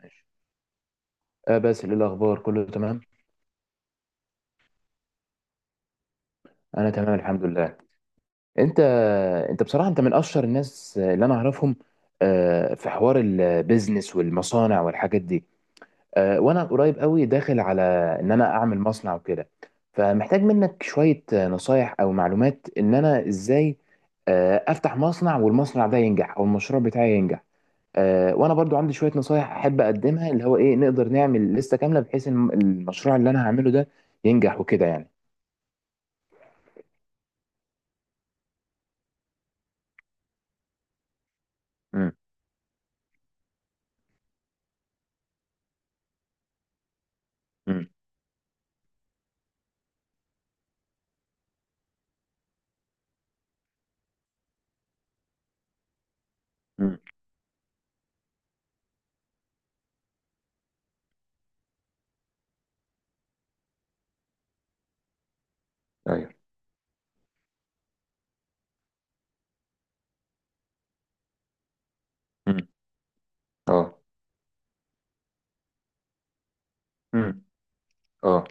ماشي. آه باسل، ايه الاخبار؟ كله تمام. انا تمام الحمد لله. انت انت. بصراحه انت من اشهر الناس اللي انا اعرفهم، في حوار البيزنس والمصانع والحاجات دي. وانا قريب قوي داخل على ان انا اعمل مصنع وكده، فمحتاج منك شويه نصايح او معلومات ان انا ازاي افتح مصنع والمصنع ده ينجح او المشروع بتاعي ينجح. وانا برضو عندي شويه نصايح احب اقدمها، اللي هو ايه، نقدر نعمل لسته كامله بحيث إن المشروع اللي انا هعمله ده ينجح وكده يعني. امم. امم. ايوه. امم. اه. امم. اه.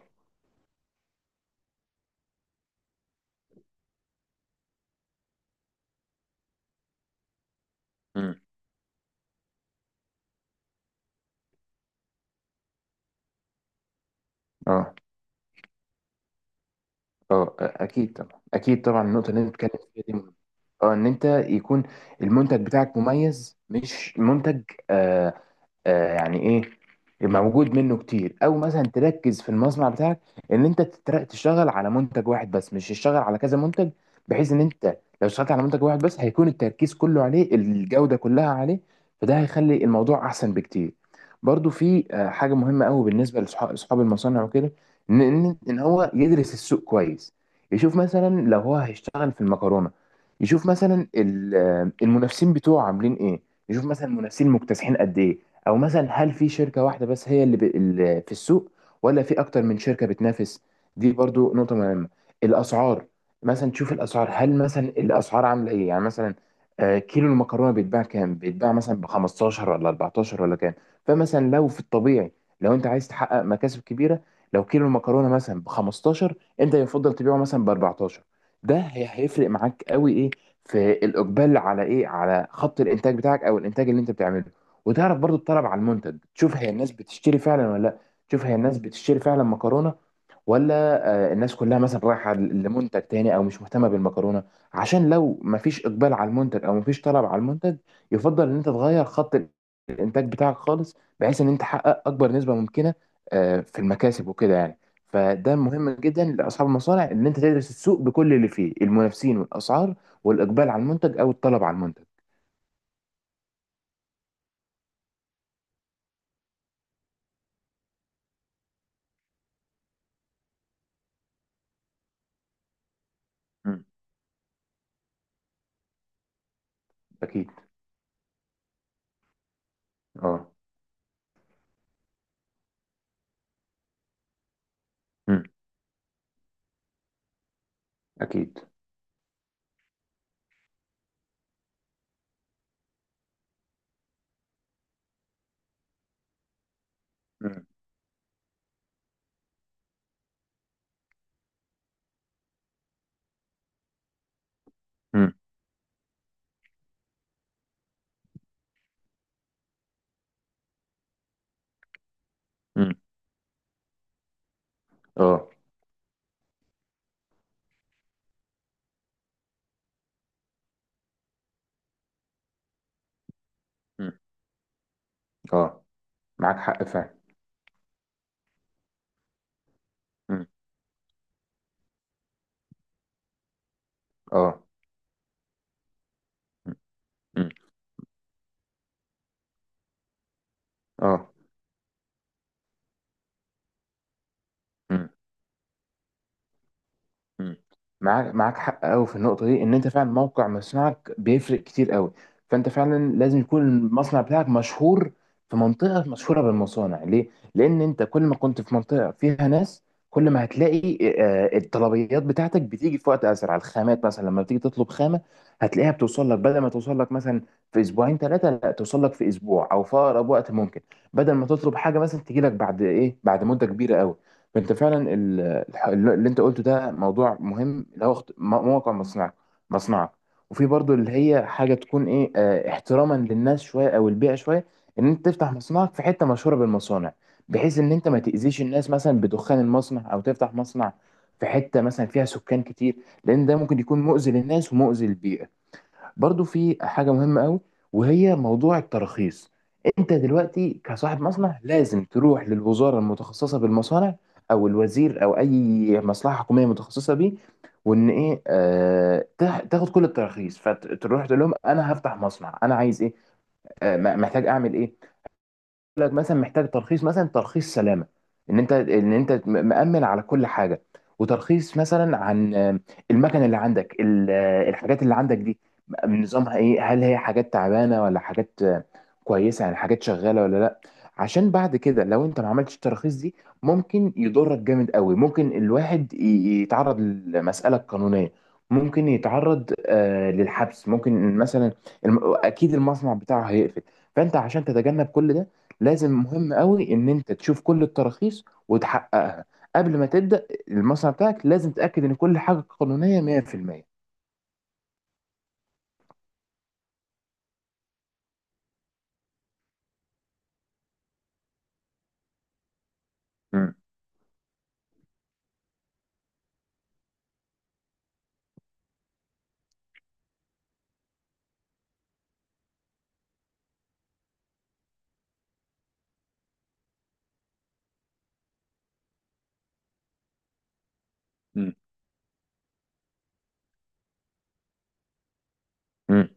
امم. اه. اه، اكيد طبعا، اكيد طبعا، النقطه اللي انت بتتكلم فيها دي مهمة. اه، ان انت يكون المنتج بتاعك مميز، مش منتج آه يعني ايه يبقى موجود منه كتير، او مثلا تركز في المصنع بتاعك ان انت تشتغل على منتج واحد بس، مش تشتغل على كذا منتج، بحيث ان انت لو اشتغلت على منتج واحد بس هيكون التركيز كله عليه، الجودة كلها عليه، فده هيخلي الموضوع احسن بكتير. برضو في حاجة مهمة قوي بالنسبة لاصحاب المصانع وكده، ان إن هو يدرس السوق كويس، يشوف مثلا لو هو هيشتغل في المكرونة، يشوف مثلا المنافسين بتوعه عاملين ايه، يشوف مثلا المنافسين مكتسحين قد ايه، او مثلا هل في شركه واحده بس هي اللي في السوق، ولا في اكتر من شركه بتنافس. دي برضو نقطه مهمه. الاسعار، مثلا تشوف الاسعار، هل مثلا الاسعار عامله ايه؟ يعني مثلا كيلو المكرونه بيتباع كام؟ بيتباع مثلا ب 15 ولا 14 ولا كام؟ فمثلا لو في الطبيعي، لو انت عايز تحقق مكاسب كبيره، لو كيلو المكرونه مثلا ب 15، انت يفضل تبيعه مثلا ب 14. ده هيفرق معاك قوي ايه، في الاقبال على ايه، على خط الانتاج بتاعك او الانتاج اللي انت بتعمله. وتعرف برضو الطلب على المنتج، تشوف هي الناس بتشتري فعلا ولا لا، تشوف هي الناس بتشتري فعلا مكرونه، ولا الناس كلها مثلا رايحه لمنتج تاني او مش مهتمه بالمكرونه. عشان لو مفيش اقبال على المنتج او مفيش طلب على المنتج، يفضل ان انت تغير خط الانتاج بتاعك خالص، بحيث ان انت تحقق اكبر نسبه ممكنه في المكاسب وكده يعني. فده مهم جدا لاصحاب المصانع ان انت تدرس السوق بكل اللي فيه، المنافسين والاسعار والاقبال على المنتج او الطلب على المنتج. مم. اكيد. اه اكيد. مم. مم. مم. اه. مم. اه، معاك حق فعلا. مم. اه. مم. مم. اه. مم. مم. معاك حق قوي في النقطه دي، ان انت فعلا موقع مصنعك بيفرق كتير قوي. فانت فعلا لازم يكون المصنع بتاعك مشهور في منطقه مشهوره بالمصانع، ليه؟ لان انت كل ما كنت في منطقه فيها ناس، كل ما هتلاقي الطلبيات بتاعتك بتيجي في وقت اسرع. الخامات مثلا لما بتيجي تطلب خامه، هتلاقيها بتوصل لك، بدل ما توصل لك مثلا في اسبوعين ثلاثه، لا توصل لك في اسبوع او في اقرب وقت ممكن، بدل ما تطلب حاجه مثلا تجي لك بعد ايه، بعد مده كبيره قوي. فانت فعلا اللي انت قلته ده موضوع مهم، اللي هو موقع مصنعك. وفي برضو اللي هي حاجه تكون ايه احتراما للناس شويه او البيئه شويه، ان انت تفتح مصنعك في حته مشهوره بالمصانع، بحيث ان انت ما تاذيش الناس مثلا بدخان المصنع، او تفتح مصنع في حته مثلا فيها سكان كتير، لان ده ممكن يكون مؤذي للناس ومؤذي للبيئه. برضو في حاجة مهمة قوي، وهي موضوع الترخيص. انت دلوقتي كصاحب مصنع لازم تروح للوزارة المتخصصة بالمصانع، او الوزير، او اي مصلحة حكومية متخصصة بيه، وان ايه تاخد كل التراخيص. فتروح تقول لهم انا هفتح مصنع، انا عايز ايه، محتاج اعمل ايه لك، مثلا محتاج ترخيص، مثلا ترخيص سلامه، ان انت ان انت مأمن على كل حاجه، وترخيص مثلا عن المكنه اللي عندك، الحاجات اللي عندك دي نظامها ايه، هل هي حاجات تعبانه ولا حاجات كويسه يعني، حاجات شغاله ولا لا. عشان بعد كده لو انت ما عملتش التراخيص دي ممكن يضرك جامد قوي، ممكن الواحد يتعرض لمساله قانونيه، ممكن يتعرض للحبس، ممكن مثلا اكيد المصنع بتاعه هيقفل. فانت عشان تتجنب كل ده، لازم مهم قوي ان انت تشوف كل التراخيص وتحققها قبل ما تبدا المصنع بتاعك. لازم تتاكد ان كل حاجه قانونيه 100%. امم. مم. امم.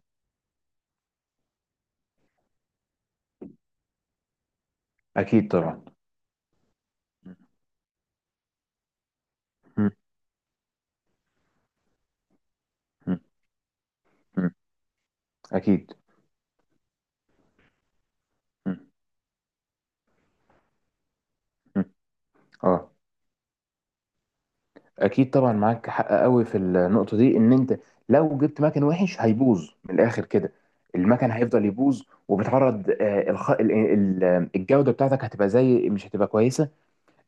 اكيد طبعا. مم. مم. مم. مم. اكيد. مم. مم. اه، اكيد طبعا، معاك حق قوي في النقطه دي، ان انت لو جبت مكن وحش هيبوظ من الاخر كده، المكن هيفضل يبوظ، وبتعرض الجوده بتاعتك هتبقى زي مش هتبقى كويسه،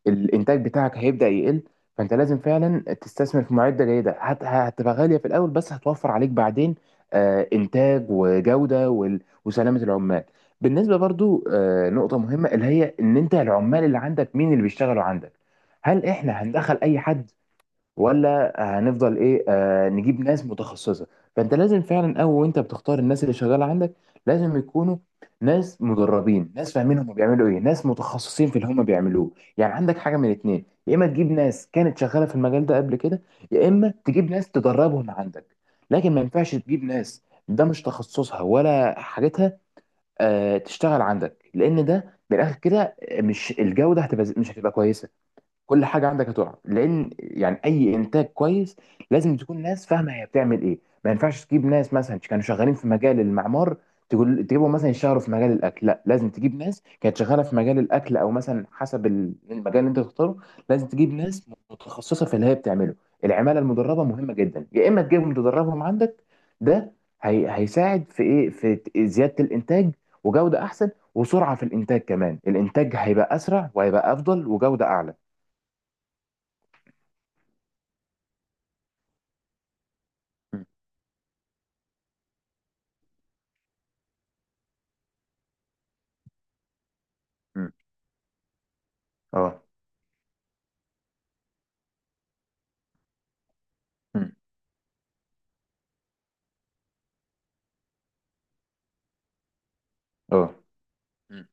الانتاج بتاعك هيبدأ يقل. فانت لازم فعلا تستثمر في معدة جيدة، هتبقى غالية في الاول بس هتوفر عليك بعدين انتاج وجودة وسلامة العمال. بالنسبة برضو نقطة مهمة اللي هي ان انت العمال اللي عندك مين اللي بيشتغلوا عندك، هل احنا هندخل اي حد، ولا هنفضل ايه آه نجيب ناس متخصصه. فانت لازم فعلا اول وانت بتختار الناس اللي شغاله عندك، لازم يكونوا ناس مدربين، ناس فاهمين هم بيعملوا ايه، ناس متخصصين في اللي هم بيعملوه. يعني عندك حاجه من اتنين، يا اما تجيب ناس كانت شغاله في المجال ده قبل كده، يا اما تجيب ناس تدربهم عندك. لكن ما ينفعش تجيب ناس ده مش تخصصها ولا حاجتها تشتغل عندك، لان ده بالاخر كده مش الجوده هتبقى مش هتبقى كويسه، كل حاجه عندك هتقع. لان يعني اي انتاج كويس لازم تكون ناس فاهمه هي بتعمل ايه. ما ينفعش تجيب ناس مثلا كانوا شغالين في مجال المعمار تقول تجيبهم مثلا يشتغلوا في مجال الاكل، لا، لازم تجيب ناس كانت شغاله في مجال الاكل، او مثلا حسب المجال اللي انت تختاره، لازم تجيب ناس متخصصه في اللي هي بتعمله. العماله المدربه مهمه جدا، يا اما تجيبهم تدربهم عندك. ده هيساعد في ايه، في زياده الانتاج وجوده احسن وسرعه في الانتاج، كمان الانتاج هيبقى اسرع وهيبقى افضل وجوده اعلى. مم. اه. مم. اه. مم.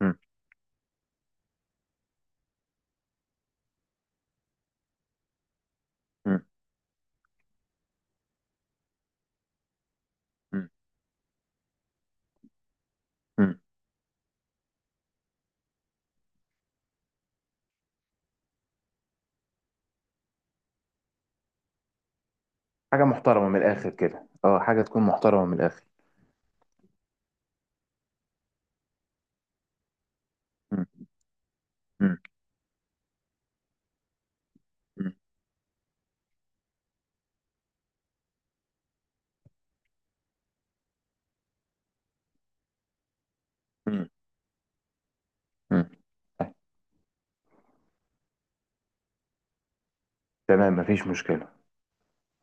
مم. مم. مم. مم. حاجة محترمة من الآخر كده، اه، حاجة تكون محترمة من الآخر. مم. مم. مم. مم. مم. تمام، مفيش مشكلة.